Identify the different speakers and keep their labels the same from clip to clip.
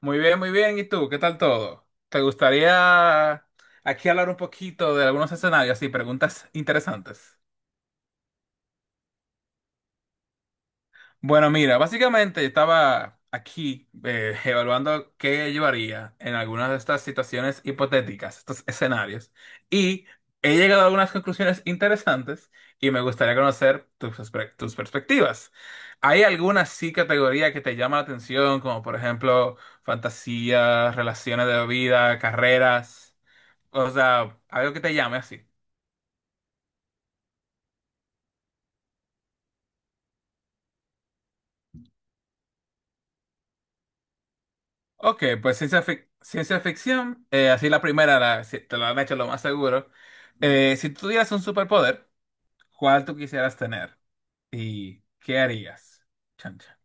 Speaker 1: Muy bien, muy bien. ¿Y tú? ¿Qué tal todo? ¿Te gustaría aquí hablar un poquito de algunos escenarios y preguntas interesantes? Bueno, mira, básicamente yo estaba aquí evaluando qué llevaría en algunas de estas situaciones hipotéticas, estos escenarios, y he llegado a algunas conclusiones interesantes y me gustaría conocer tus perspectivas. ¿Hay alguna sí categoría que te llama la atención, como por ejemplo fantasía, relaciones de vida, carreras? O sea, algo que te llame así. Ok, pues ciencia ficción, así la primera, si te lo han hecho lo más seguro. Si tú tuvieras un superpoder, ¿cuál tú quisieras tener? ¿Y qué harías? Chancha.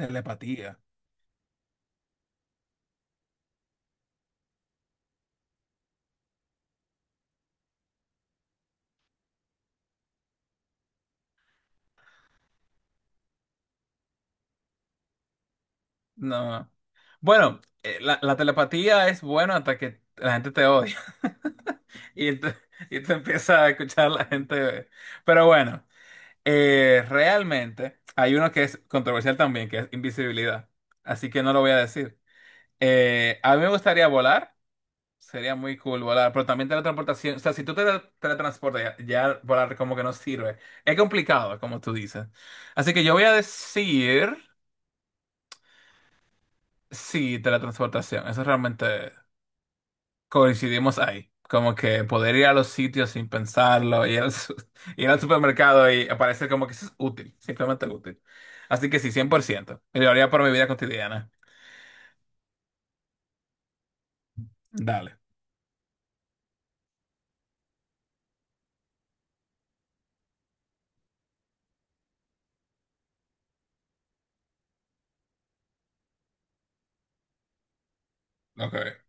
Speaker 1: Telepatía. No. Bueno, la telepatía es bueno hasta que la gente te odia. Y te, y te empieza a escuchar la gente. Pero bueno. Realmente hay uno que es controversial también, que es invisibilidad. Así que no lo voy a decir. A mí me gustaría volar. Sería muy cool volar, pero también teletransportación. O sea, si tú te teletransportas, ya, ya volar como que no sirve. Es complicado, como tú dices. Así que yo voy a decir, sí, teletransportación. Eso realmente coincidimos ahí. Como que poder ir a los sitios sin pensarlo, ir al supermercado y aparecer como que eso es útil, simplemente útil. Así que sí, 100%. Y lo haría por mi vida cotidiana. Dale. Ok.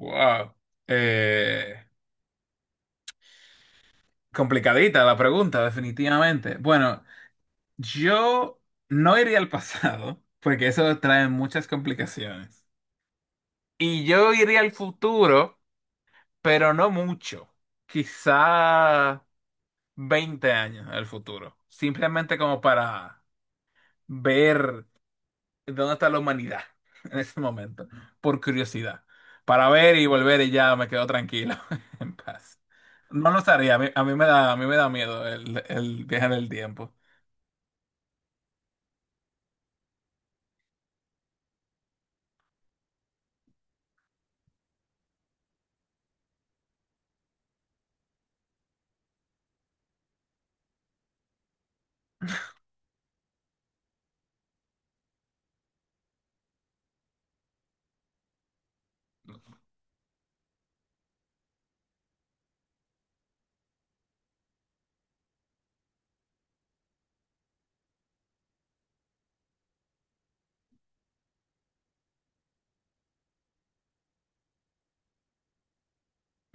Speaker 1: Wow. Eh, Complicadita la pregunta, definitivamente. Bueno, yo no iría al pasado, porque eso trae muchas complicaciones. Y yo iría al futuro, pero no mucho. Quizá. 20 años al futuro, simplemente como para ver dónde está la humanidad en ese momento, por curiosidad, para ver y volver y ya me quedo tranquilo, en paz. No lo sabría, a mí me da, a mí me da miedo el viaje en el tiempo.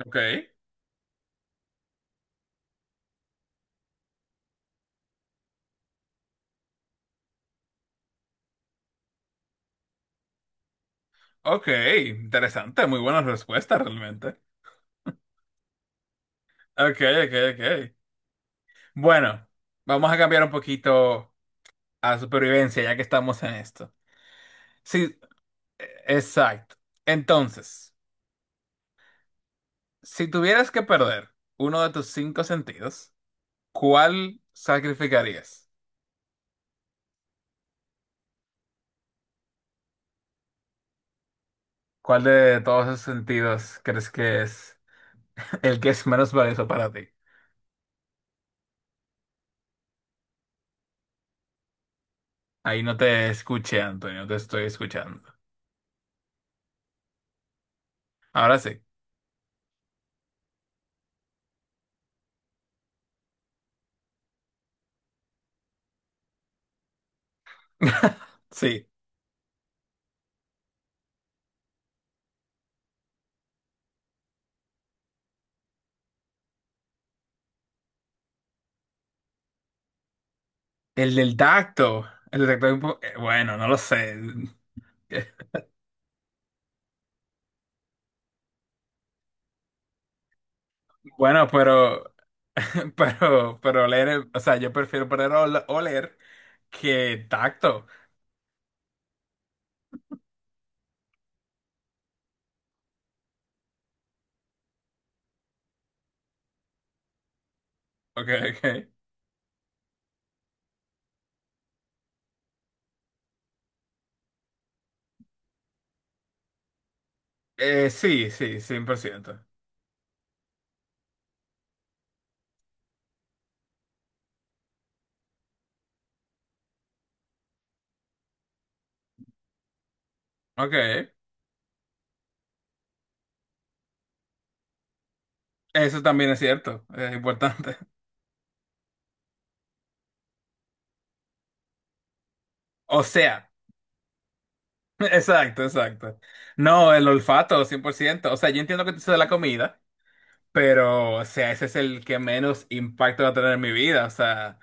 Speaker 1: Ok, ok, interesante, muy buena respuesta realmente. Ok, ok, ok. Bueno, vamos a cambiar un poquito a supervivencia ya que estamos en esto. Sí, exacto. Entonces, si tuvieras que perder uno de tus cinco sentidos, ¿cuál sacrificarías? ¿Cuál de todos esos sentidos crees que es el que es menos valioso para ti? Ahí no te escuché, Antonio, no te estoy escuchando. Ahora sí. Sí. El del tacto. El del tacto es. Bueno, no lo sé. Bueno, pero oler, o sea, yo prefiero perder oler que tacto. Ok, ok. Sí, sí, 100%. Ok. Eso también es cierto, es importante. O sea, exacto, exacto. No, el olfato, 100%. O sea, yo entiendo que te de la comida, pero, o sea, ese es el que menos impacto va a tener en mi vida. O sea,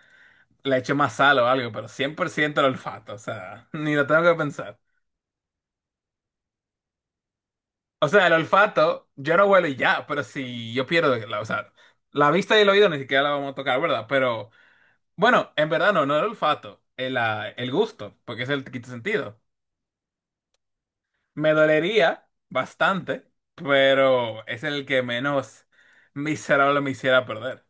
Speaker 1: le echo más sal o algo, pero 100% el olfato, o sea, ni lo tengo que pensar. O sea, el olfato, yo no huelo y ya, pero si yo pierdo, la vista y el oído ni siquiera la vamos a tocar, ¿verdad? Pero, bueno, en verdad no, el olfato, el gusto, porque es el quinto sentido. Me dolería bastante, pero es el que menos miserable me hiciera perder.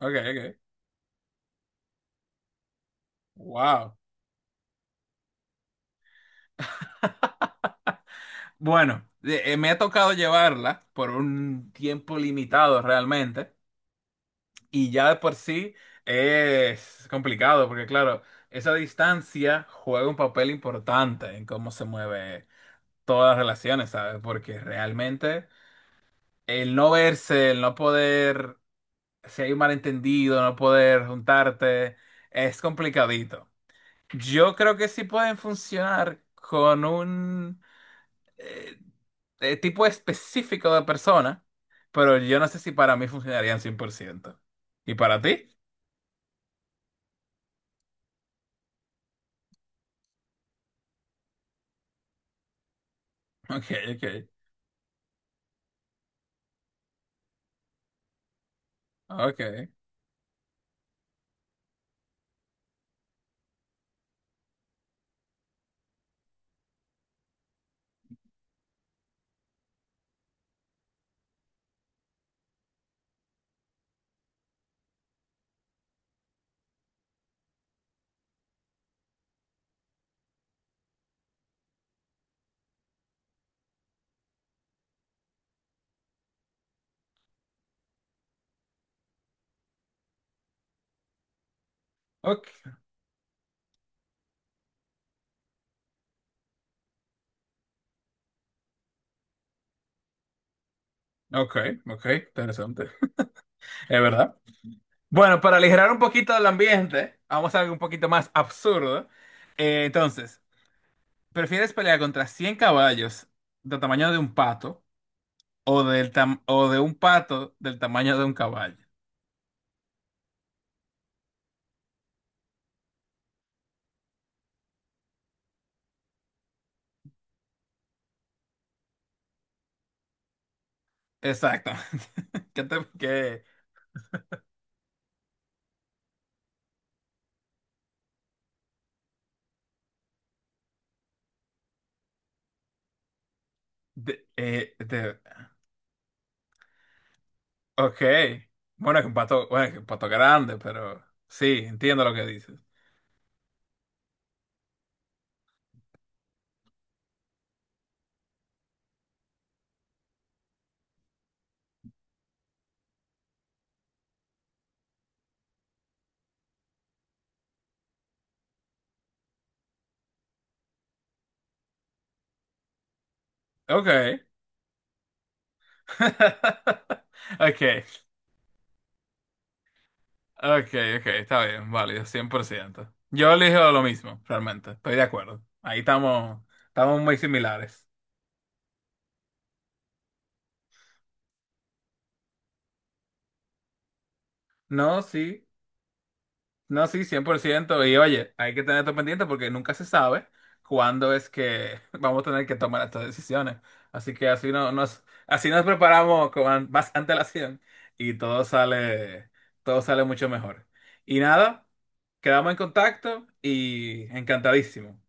Speaker 1: Ok, ok. Wow. Bueno, me ha tocado llevarla por un tiempo limitado realmente. Y ya de por sí es complicado, porque claro, esa distancia juega un papel importante en cómo se mueve todas las relaciones, ¿sabes? Porque realmente el no verse, el no poder si hay un malentendido, no poder juntarte, es complicadito. Yo creo que sí pueden funcionar con un eh, tipo específico de persona, pero yo no sé si para mí funcionarían 100%. ¿Y para ti? Ok, ok, ok, ok, ok, ok, interesante. Es verdad. Bueno, para aligerar un poquito el ambiente, vamos a algo un poquito más absurdo. Entonces, ¿prefieres pelear contra 100 caballos de tamaño de un pato o de un pato del tamaño de un caballo? Exactamente. ¿Qué te, qué- de- Ok. Bueno, es un pato, bueno, es un pato grande, pero sí, entiendo lo que dices. Ok. Ok, ok, ok, está bien, válido, 100%. Yo elijo lo mismo, realmente, estoy de acuerdo. Ahí estamos, estamos muy similares. No, sí. No, sí, 100%. Y oye, hay que tener esto pendiente porque nunca se sabe cuándo es que vamos a tener que tomar estas decisiones. Así que así no, nos, así nos preparamos con más antelación y todo sale mucho mejor. Y nada, quedamos en contacto y encantadísimo.